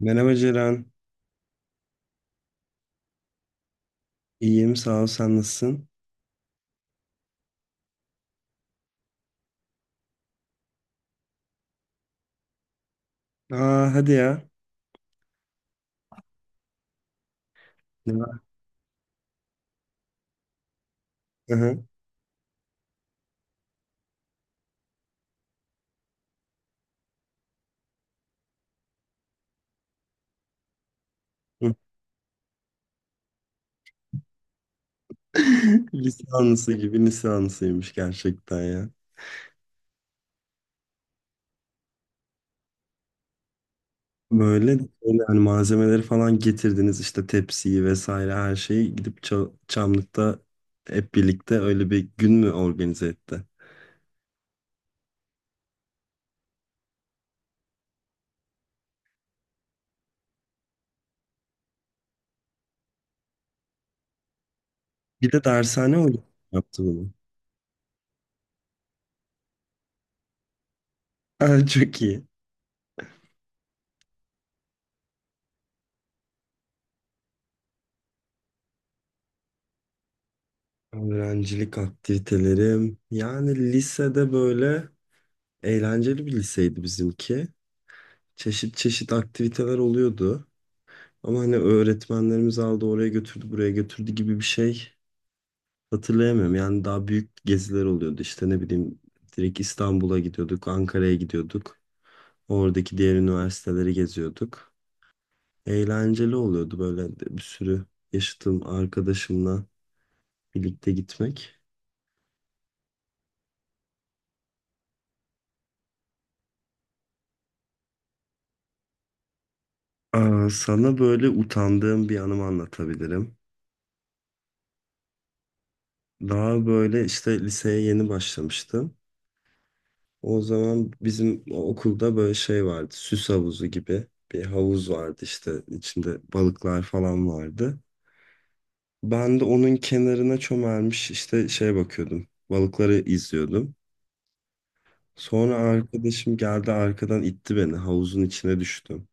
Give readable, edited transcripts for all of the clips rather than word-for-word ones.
Merhaba Ceren. İyiyim sağ ol, sen nasılsın? Aa, hadi ya. Ne var? Hı hı. Hı. Lisansı gibi lisansıymış gerçekten ya. Böyle böyle, hani malzemeleri falan getirdiniz, işte tepsiyi vesaire her şeyi, gidip Çamlık'ta hep birlikte öyle bir gün mü organize etti? Bir de dershane hocam yaptı bunu. Aa, çok iyi. Öğrencilik aktivitelerim. Yani lisede böyle eğlenceli bir liseydi bizimki. Çeşit çeşit aktiviteler oluyordu. Ama hani öğretmenlerimiz aldı oraya götürdü buraya götürdü gibi bir şey hatırlayamıyorum. Yani daha büyük geziler oluyordu, işte ne bileyim, direkt İstanbul'a gidiyorduk, Ankara'ya gidiyorduk. Oradaki diğer üniversiteleri geziyorduk. Eğlenceli oluyordu böyle de, bir sürü yaşadığım arkadaşımla birlikte gitmek. Aa, sana böyle utandığım bir anımı anlatabilirim. Daha böyle işte liseye yeni başlamıştım. O zaman bizim okulda böyle şey vardı. Süs havuzu gibi bir havuz vardı, işte içinde balıklar falan vardı. Ben de onun kenarına çömelmiş işte şeye bakıyordum. Balıkları izliyordum. Sonra arkadaşım geldi, arkadan itti beni, havuzun içine düştüm.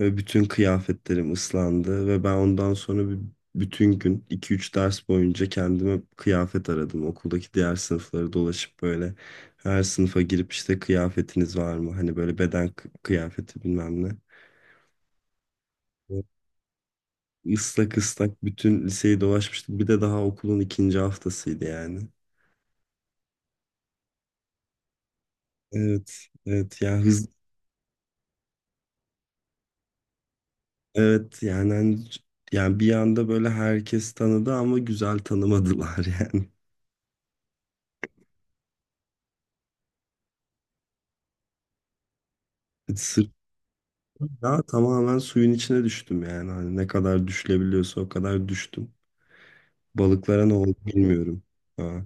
Ve bütün kıyafetlerim ıslandı ve ben ondan sonra bir, bütün gün iki üç ders boyunca kendime kıyafet aradım. Okuldaki diğer sınıfları dolaşıp böyle her sınıfa girip işte kıyafetiniz var mı? Hani böyle beden kıyafeti bilmem ne. Ve Islak ıslak bütün liseyi dolaşmıştım. Bir de daha okulun ikinci haftasıydı yani. Evet, evet ya, evet yani yani bir anda böyle herkes tanıdı ama güzel tanımadılar yani. Ya tamamen suyun içine düştüm yani. Hani ne kadar düşülebiliyorsa o kadar düştüm. Balıklara ne oldu bilmiyorum. Ha.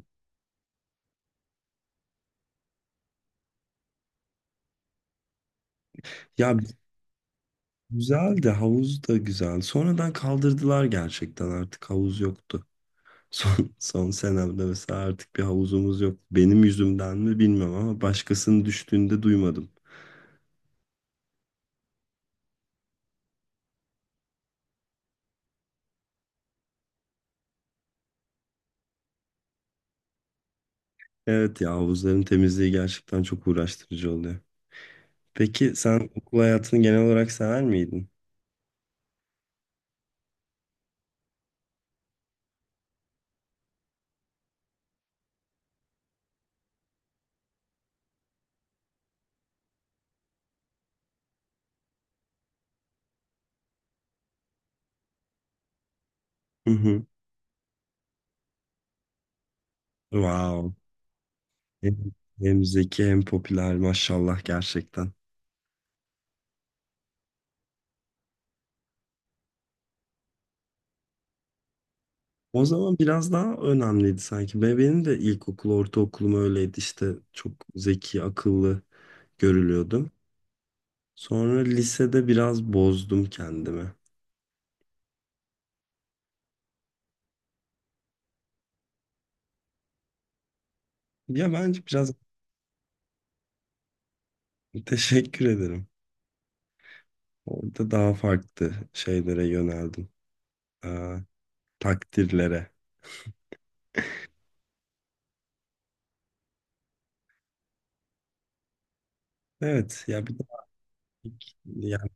Ya güzel, de havuz da güzel. Sonradan kaldırdılar, gerçekten artık havuz yoktu. Son, son senemde mesela artık bir havuzumuz yok. Benim yüzümden mi bilmiyorum ama başkasının düştüğünde duymadım. Evet ya, havuzların temizliği gerçekten çok uğraştırıcı oluyor. Peki sen okul hayatını genel olarak sever miydin? Hı hı. Wow. Hem, hem zeki hem popüler, maşallah gerçekten. O zaman biraz daha önemliydi sanki. Benim de ilkokul, ortaokulum öyleydi, işte çok zeki, akıllı görülüyordum. Sonra lisede biraz bozdum kendimi. Ya bence biraz teşekkür ederim. Orada daha farklı şeylere yöneldim. Ee, takdirlere. Evet ya bir de yani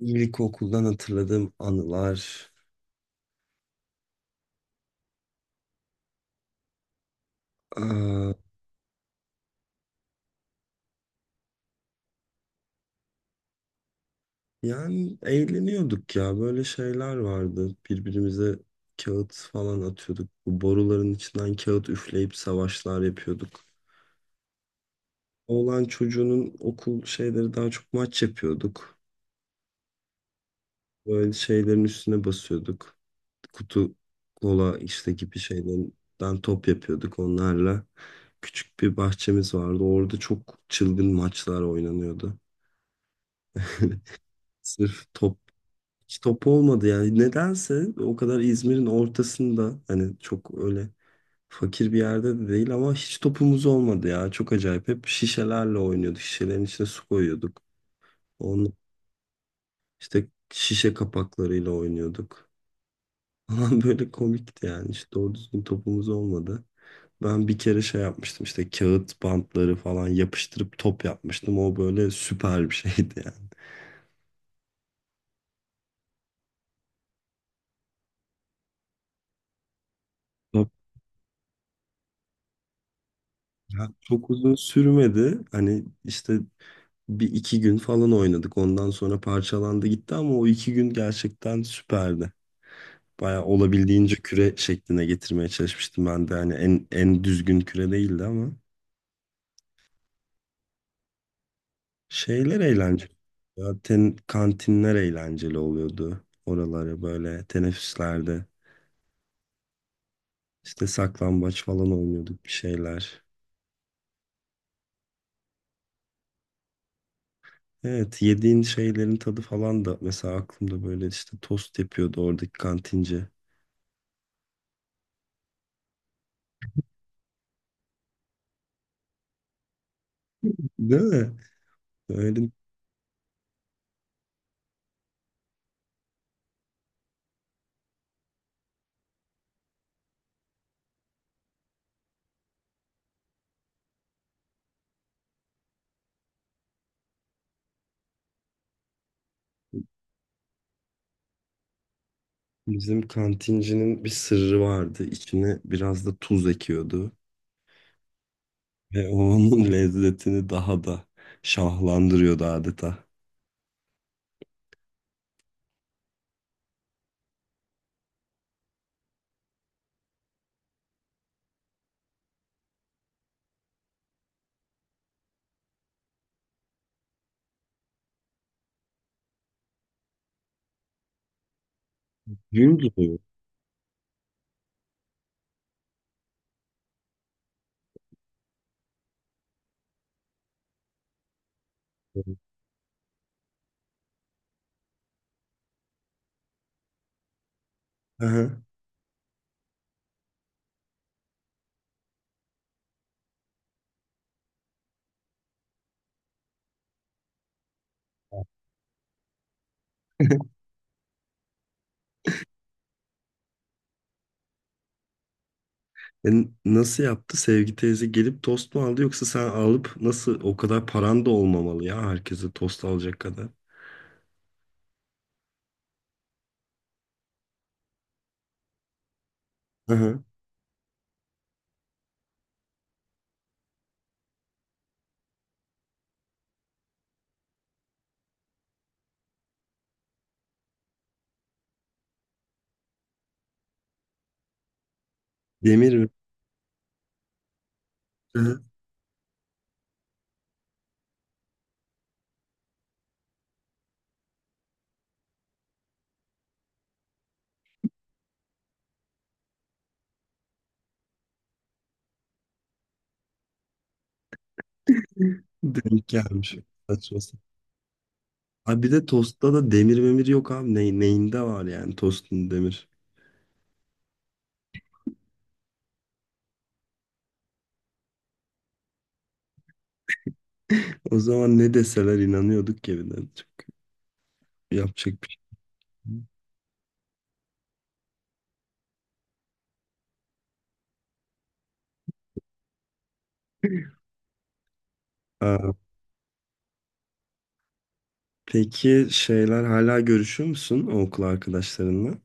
ilkokuldan hatırladığım anılar. Ee, Yani eğleniyorduk ya. Böyle şeyler vardı. Birbirimize kağıt falan atıyorduk. Bu boruların içinden kağıt üfleyip savaşlar yapıyorduk. Oğlan çocuğunun okul şeyleri, daha çok maç yapıyorduk. Böyle şeylerin üstüne basıyorduk. Kutu kola işte gibi şeylerden top yapıyorduk onlarla. Küçük bir bahçemiz vardı. Orada çok çılgın maçlar oynanıyordu. Sırf top, hiç top olmadı yani. Nedense o kadar İzmir'in ortasında, hani çok öyle fakir bir yerde de değil ama hiç topumuz olmadı ya. Çok acayip. Hep şişelerle oynuyorduk. Şişelerin içine su koyuyorduk. Onun işte şişe kapaklarıyla oynuyorduk. Falan böyle komikti yani. Hiç doğru düzgün topumuz olmadı. Ben bir kere şey yapmıştım, işte kağıt bantları falan yapıştırıp top yapmıştım. O böyle süper bir şeydi yani. Top ya, çok uzun sürmedi. Hani işte bir iki gün falan oynadık. Ondan sonra parçalandı gitti ama o iki gün gerçekten süperdi. Baya olabildiğince küre şekline getirmeye çalışmıştım ben de. Hani en, en düzgün küre değildi ama şeyler eğlenceli. Zaten kantinler eğlenceli oluyordu. Oraları böyle teneffüslerde işte saklambaç falan oynuyorduk, bir şeyler. Evet, yediğin şeylerin tadı falan da mesela aklımda, böyle işte tost yapıyordu oradaki kantinci. Değil mi? Öyle. Bizim kantincinin bir sırrı vardı. İçine biraz da tuz ekiyordu. Ve o onun lezzetini daha da şahlandırıyordu adeta. Gün doğuyor. Aha. E, nasıl yaptı? Sevgi teyze gelip tost mu aldı, yoksa sen alıp? Nasıl, o kadar paran da olmamalı ya herkese tost alacak kadar. Aha. Demir mi? Aha. Denk gelmiş. Saçma sapan. Abi bir de tostta da demir memir yok abi. Ne, neyinde var yani tostun demir. O zaman ne deseler inanıyorduk ki bir de. Yapacak bir şey yok. Aa, peki şeyler hala görüşüyor musun o okul arkadaşlarınla?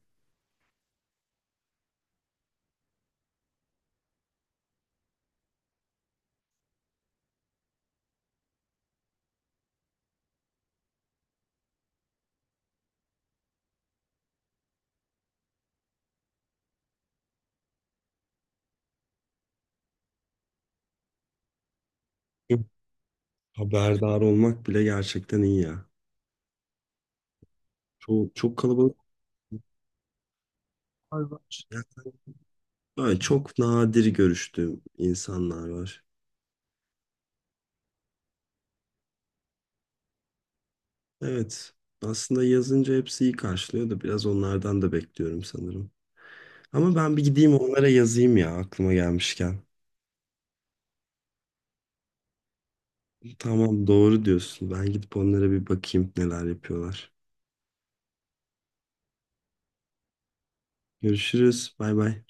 Yok. Haberdar olmak bile gerçekten iyi ya. Çok, çok kalabalık. Var. Ya, böyle çok nadir görüştüğüm insanlar var. Evet. Aslında yazınca hepsi iyi karşılıyor da biraz onlardan da bekliyorum sanırım. Ama ben bir gideyim onlara yazayım ya, aklıma gelmişken. Tamam, doğru diyorsun. Ben gidip onlara bir bakayım neler yapıyorlar. Görüşürüz. Bay bay.